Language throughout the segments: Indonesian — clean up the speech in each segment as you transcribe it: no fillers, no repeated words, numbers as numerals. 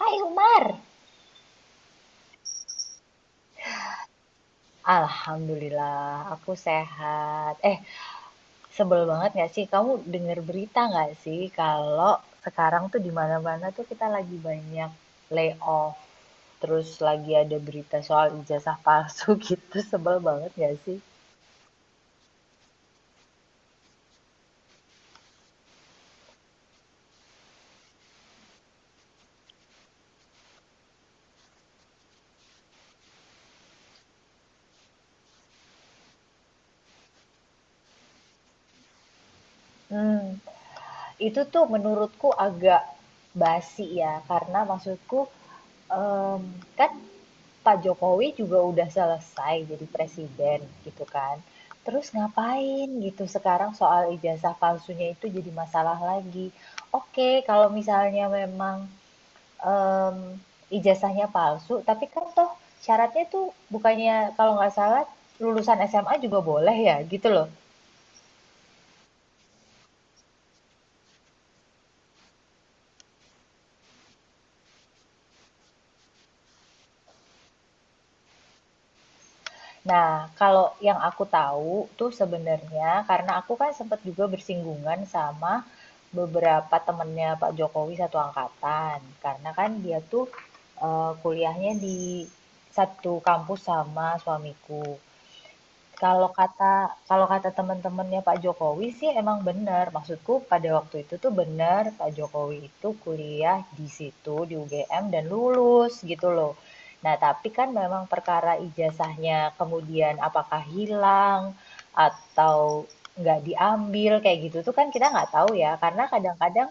Hai Umar. Alhamdulillah, aku sehat. Sebel banget gak sih? Kamu denger berita gak sih kalau sekarang tuh di mana-mana tuh kita lagi banyak layoff. Terus lagi ada berita soal ijazah palsu gitu. Sebel banget gak sih? Hmm, itu tuh menurutku agak basi ya, karena maksudku em, kan Pak Jokowi juga udah selesai jadi presiden gitu kan. Terus ngapain gitu sekarang soal ijazah palsunya itu jadi masalah lagi. Oke, kalau misalnya memang em, ijazahnya palsu, tapi kan toh syaratnya tuh bukannya kalau nggak salah lulusan SMA juga boleh ya gitu loh. Nah, kalau yang aku tahu tuh sebenarnya karena aku kan sempat juga bersinggungan sama beberapa temennya Pak Jokowi satu angkatan. Karena kan dia tuh kuliahnya di satu kampus sama suamiku kalau kata teman-temannya Pak Jokowi sih emang benar. Maksudku pada waktu itu tuh benar Pak Jokowi itu kuliah di situ di UGM dan lulus gitu loh. Nah, tapi kan memang perkara ijazahnya kemudian apakah hilang atau nggak diambil kayak gitu tuh kan kita nggak tahu ya karena kadang-kadang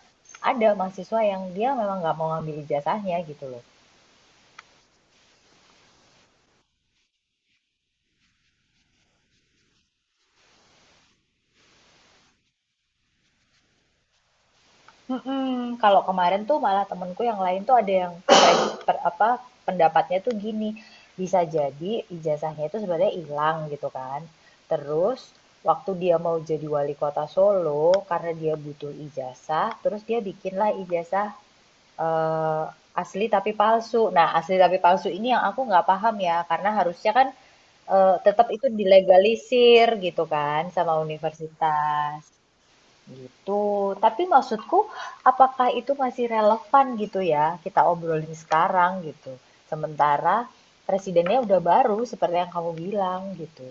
ada mahasiswa yang dia memang nggak mau ngambil ijazahnya gitu loh. Mm-mm. Kalau kemarin tuh malah temenku yang lain tuh ada yang per, apa pendapatnya tuh gini, bisa jadi ijazahnya itu sebenarnya hilang gitu kan, terus waktu dia mau jadi wali kota Solo, karena dia butuh ijazah terus dia bikinlah ijazah eh, asli tapi palsu. Nah, asli tapi palsu ini yang aku nggak paham ya, karena harusnya kan tetap itu dilegalisir gitu kan sama universitas. Gitu. Tapi maksudku, apakah itu masih relevan gitu ya, kita obrolin sekarang gitu. Sementara presidennya udah baru seperti yang kamu bilang gitu.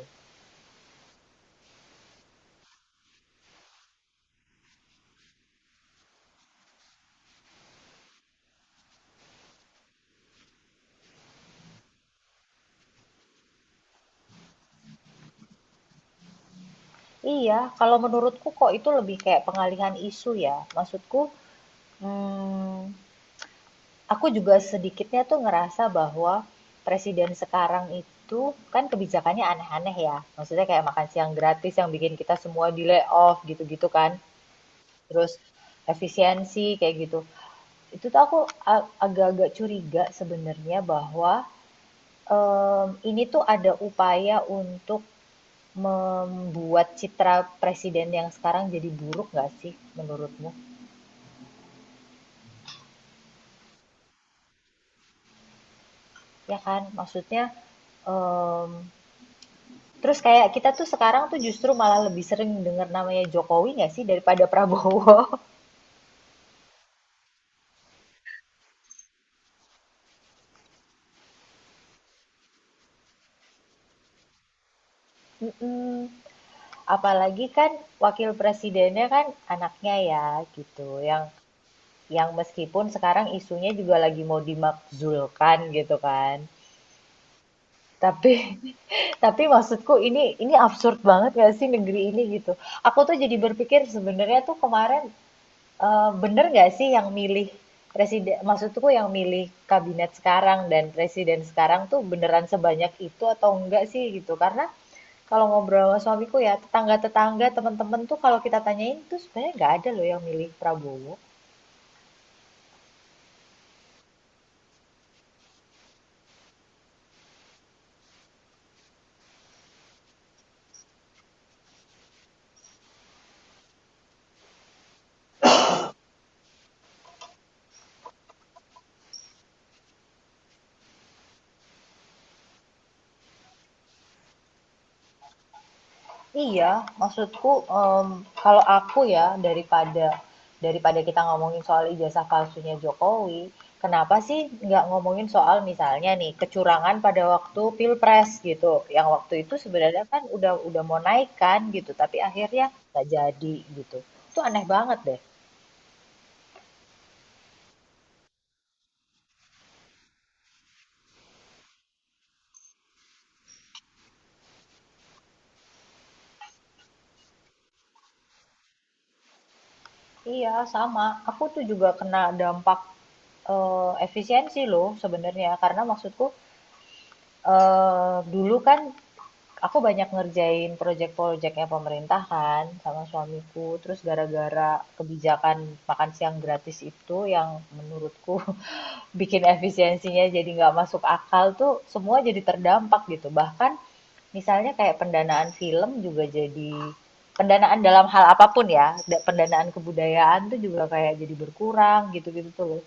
Iya, kalau menurutku kok itu lebih kayak pengalihan isu ya. Maksudku, hmm, aku juga sedikitnya tuh ngerasa bahwa presiden sekarang itu kan kebijakannya aneh-aneh ya. Maksudnya kayak makan siang gratis yang bikin kita semua di layoff gitu-gitu kan. Terus efisiensi kayak gitu. Itu tuh aku agak-agak curiga sebenarnya bahwa ini tuh ada upaya untuk membuat citra presiden yang sekarang jadi buruk, nggak sih menurutmu? Ya kan, maksudnya em, terus kayak kita tuh sekarang tuh justru malah lebih sering dengar namanya Jokowi nggak sih daripada Prabowo. Apalagi kan wakil presidennya kan anaknya ya gitu, yang meskipun sekarang isunya juga lagi mau dimakzulkan gitu kan. Tapi tapi maksudku ini absurd banget gak sih negeri ini gitu. Aku tuh jadi berpikir sebenarnya tuh kemarin bener gak sih yang milih presiden, maksudku yang milih kabinet sekarang dan presiden sekarang tuh beneran sebanyak itu atau enggak sih gitu. Karena kalau ngobrol sama suamiku ya tetangga-tetangga teman-teman tuh kalau kita tanyain tuh sebenarnya nggak ada loh yang milih Prabowo. Iya, maksudku, mmm, kalau aku ya, daripada daripada kita ngomongin soal ijazah palsunya Jokowi, kenapa sih nggak ngomongin soal misalnya nih kecurangan pada waktu pilpres gitu, yang waktu itu sebenarnya kan udah mau naik kan gitu, tapi akhirnya nggak jadi gitu. Itu aneh banget deh. Iya sama, aku tuh juga kena dampak, efisiensi loh sebenarnya karena maksudku, dulu kan aku banyak ngerjain proyek-proyeknya pemerintah kan sama suamiku. Terus gara-gara kebijakan makan siang gratis itu yang menurutku bikin efisiensinya jadi nggak masuk akal tuh semua jadi terdampak gitu. Bahkan misalnya kayak pendanaan film juga jadi pendanaan dalam hal apapun ya, pendanaan kebudayaan tuh juga kayak jadi berkurang gitu-gitu tuh loh.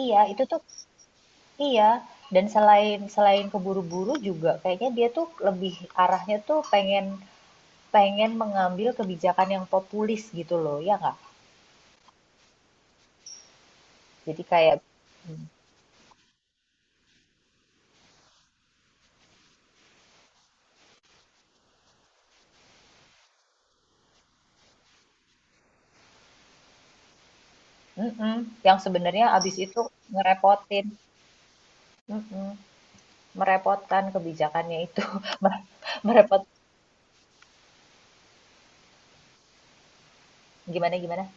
Iya, itu tuh iya. Dan selain selain keburu-buru juga kayaknya dia tuh lebih arahnya tuh pengen pengen mengambil kebijakan yang populis gitu loh, ya nggak? Jadi kayak mm yang sebenarnya abis itu ngerepotin, mm merepotkan kebijakannya itu, merepot gimana gimana?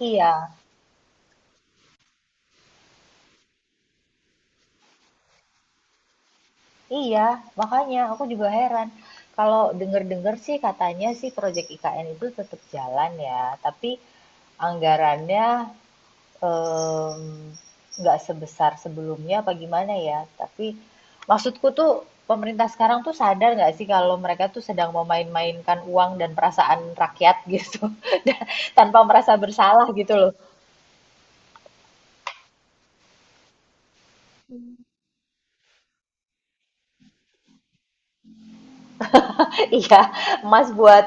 Iya, iya, makanya aku juga heran. Kalau denger-denger sih katanya sih proyek IKN itu tetap jalan ya, tapi anggarannya Mmm, nggak sebesar sebelumnya apa gimana ya, tapi maksudku tuh pemerintah sekarang tuh sadar nggak sih kalau mereka tuh sedang memain-mainkan uang dan perasaan rakyat gitu, tanpa merasa bersalah gitu loh. Iya, emas buat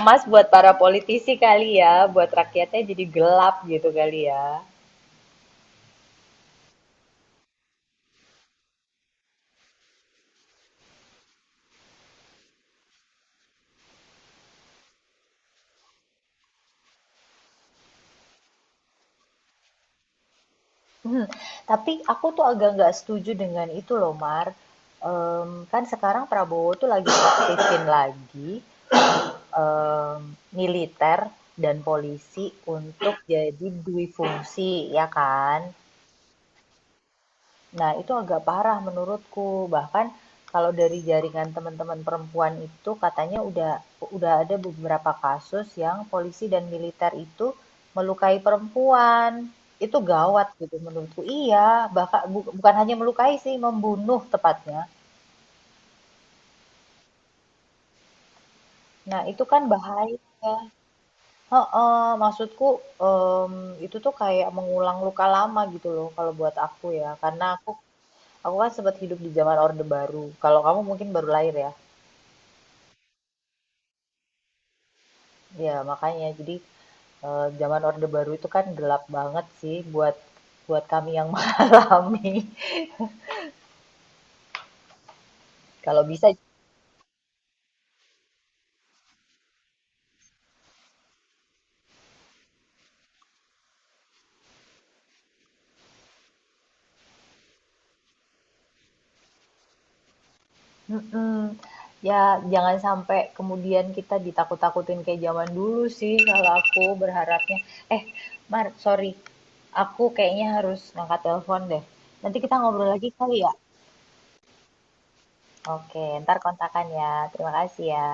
emas buat para politisi kali ya, buat rakyatnya jadi gelap gitu kali ya. Mhm, tapi aku tuh agak nggak setuju dengan itu loh Mar, mmm, kan sekarang Prabowo tuh lagi aktifin lagi em, militer dan polisi untuk jadi dui fungsi ya kan. Nah, itu agak parah menurutku. Bahkan kalau dari jaringan teman-teman perempuan itu katanya udah ada beberapa kasus yang polisi dan militer itu melukai perempuan. Itu gawat gitu menurutku. Iya, bahkan bukan hanya melukai sih, membunuh tepatnya. Nah, itu kan bahaya. Heeh, maksudku, mmm, itu tuh kayak mengulang luka lama gitu loh kalau buat aku ya, karena aku kan sempet hidup di zaman Orde Baru. Kalau kamu mungkin baru lahir ya? Ya makanya. Jadi, zaman Orde Baru itu kan gelap banget sih buat buat kami yang mengalami. Kalau bisa mhm, ya jangan sampai kemudian kita ditakut-takutin kayak zaman dulu sih kalau aku berharapnya. Eh, Mar, sorry. Aku kayaknya harus ngangkat telepon deh. Nanti kita ngobrol lagi kali ya? Oke, ntar kontakan ya. Terima kasih ya.